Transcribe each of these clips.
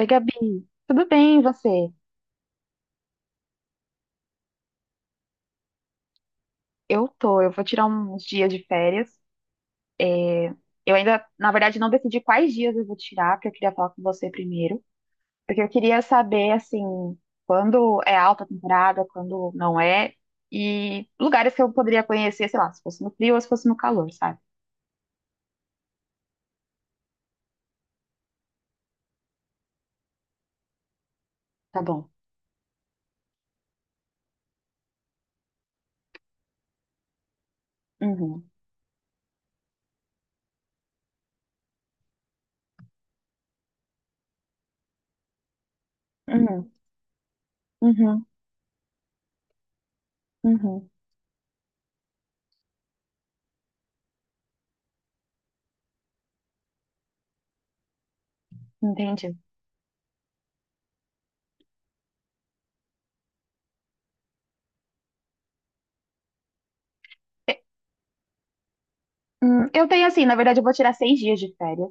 Oi, Gabi. Tudo bem, e você? Eu vou tirar uns dias de férias. Eu ainda, na verdade, não decidi quais dias eu vou tirar, porque eu queria falar com você primeiro. Porque eu queria saber, assim, quando é alta temporada, quando não é, e lugares que eu poderia conhecer, sei lá, se fosse no frio ou se fosse no calor, sabe? Tá bom. Uhum, uhum, uhum, uhum. Entendi. E- Eu tenho, assim, na verdade, eu vou tirar 6 dias de férias.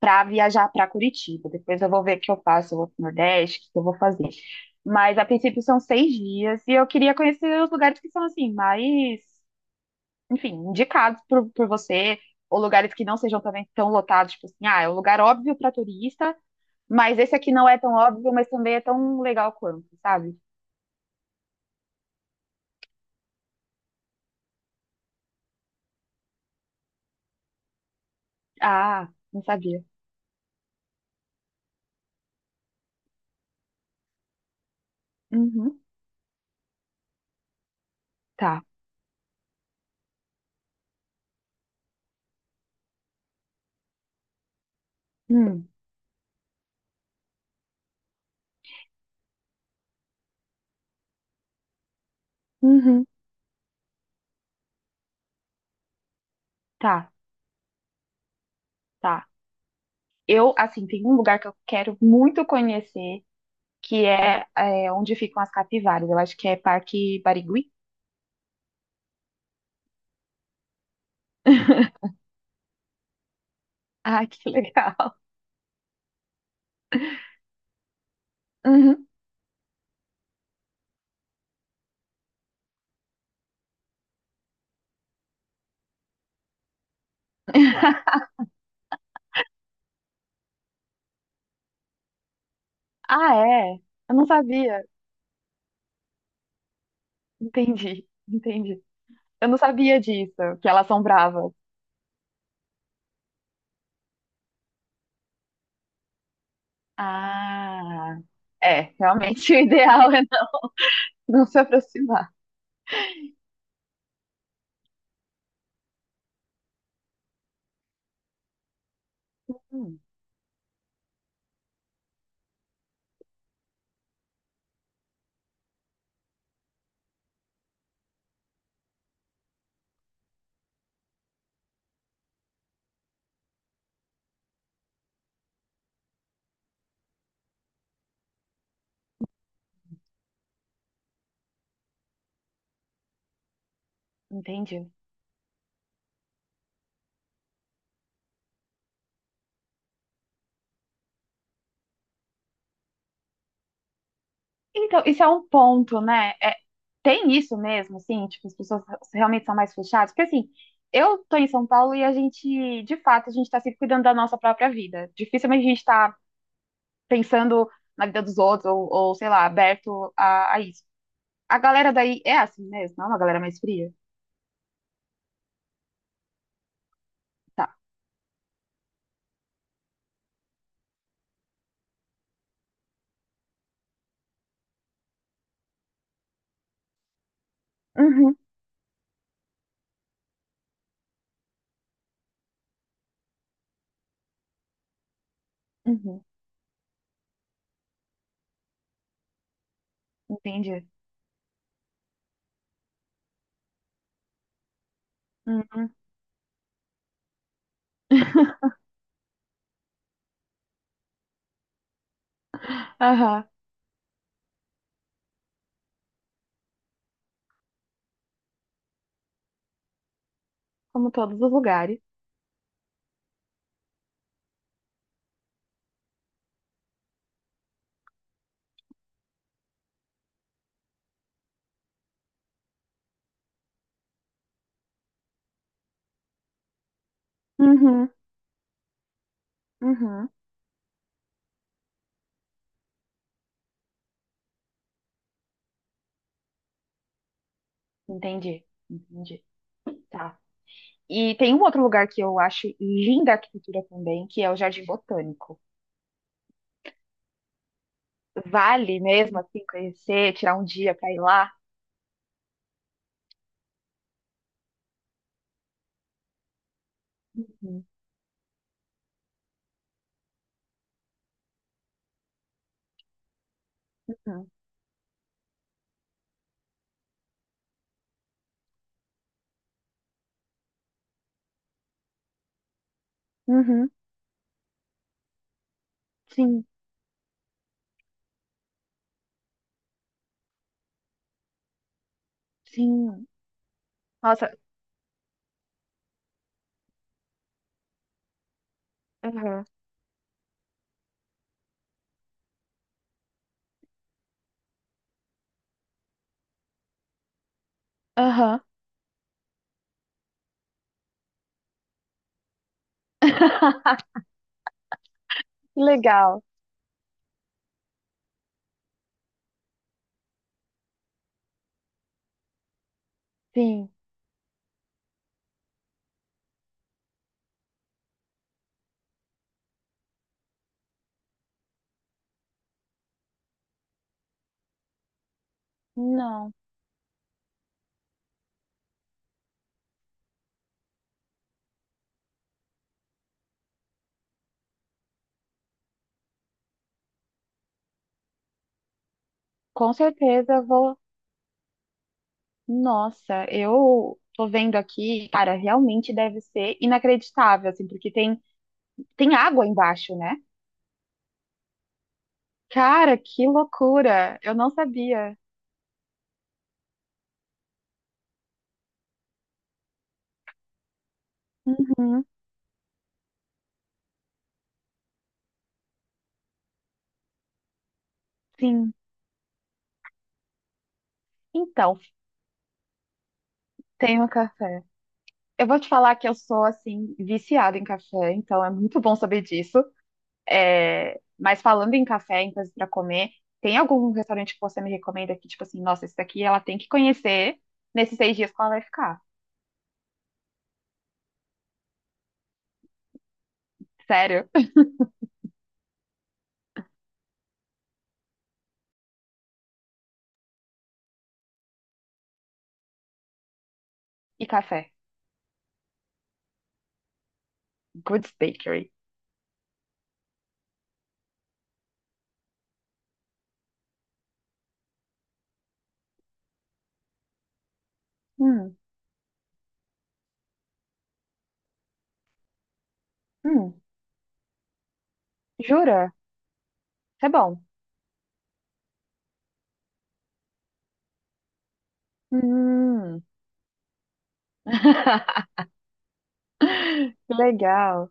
Para viajar para Curitiba. Depois eu vou ver o que eu faço, eu vou para o Nordeste, o que eu vou fazer. Mas a princípio são 6 dias e eu queria conhecer os lugares que são assim, mais, enfim, indicados por você, ou lugares que não sejam também tão lotados, tipo assim, ah, é um lugar óbvio para turista, mas esse aqui não é tão óbvio, mas também é tão legal quanto, sabe? Ah, não sabia. Uhum, tá. Hum, uhum, tá, tá. Eu, assim, tem um lugar que eu quero muito conhecer, que é, onde ficam as capivaras. Eu acho que é Parque Barigui. Ah, que legal. Uhum. Ah, é? Eu não sabia. Entendi, entendi. Eu não sabia disso, que elas são bravas. Ah, é, realmente o ideal é não se aproximar. Hum, Entendi. Então, isso é um ponto, né? É, tem isso mesmo, assim, tipo, as pessoas realmente são mais fechadas? Porque, assim, eu tô em São Paulo e a gente, de fato, a gente tá sempre cuidando da nossa própria vida. Dificilmente a gente tá pensando na vida dos outros, ou sei lá, aberto a isso. A galera daí é assim mesmo, não é uma galera mais fria? Tá. Uhum, uhum, entendi. Uhum, aham, como todos os lugares. Uhum, uhum, entendi, entendi. Tá. E tem um outro lugar que eu acho linda a arquitetura também, que é o Jardim Botânico. Vale mesmo assim conhecer, tirar um dia pra ir lá? Uhum, uhum, uhum, sim, sim. Nossa, aham, aham. Que legal. Sim, não. Com certeza eu vou. Nossa, eu tô vendo aqui, cara, realmente deve ser inacreditável, assim, porque tem água embaixo, né? Cara, que loucura! Eu não sabia. Uhum, sim. Então, tenho café. Eu vou te falar que eu sou, assim, viciada em café, então é muito bom saber disso. É, mas falando em café, em coisas pra comer, tem algum restaurante que você me recomenda que, tipo assim, nossa, esse daqui ela tem que conhecer nesses 6 dias que ela vai ficar? Sério. E café. Goods Bakery. Hum, hum. Jura? Isso é bom. Hum. Que legal.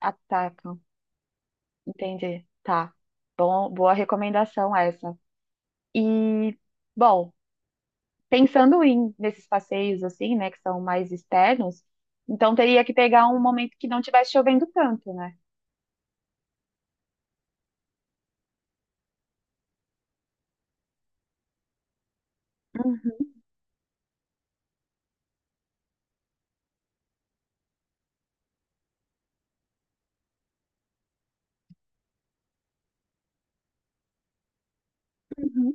Atacam. Entendi. Tá. Bom, boa recomendação essa. E, bom, pensando em nesses passeios assim, né, que são mais externos, então teria que pegar um momento que não tivesse chovendo tanto, né? Uhum. Uhum.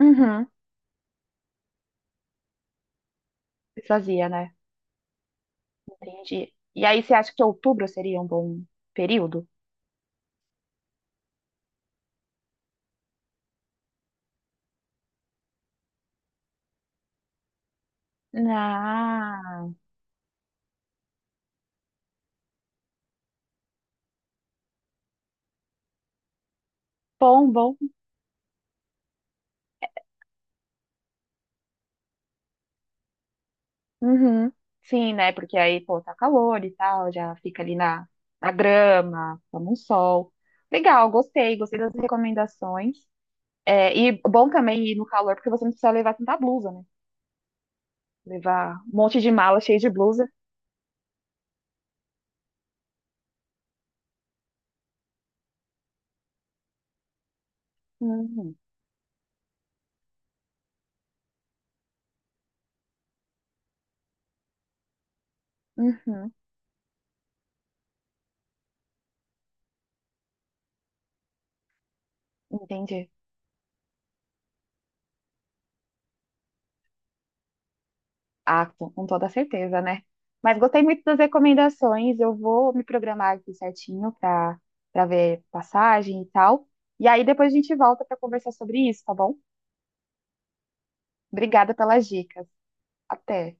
Uhum. Isso fazia, né? Entendi. E aí você acha que outubro seria um bom período? Ah. Bom, bom. Uhum. Sim, né? Porque aí, pô, tá calor e tal, já fica ali na grama, toma um sol. Legal, gostei, gostei das recomendações. É, e bom também ir no calor, porque você não precisa levar tanta blusa, né? Levar um monte de mala cheia de blusa. Uhum. Uhum. Entendi. Ah, com toda certeza, né? Mas gostei muito das recomendações. Eu vou me programar aqui certinho para ver passagem e tal. E aí depois a gente volta para conversar sobre isso, tá bom? Obrigada pelas dicas. Até.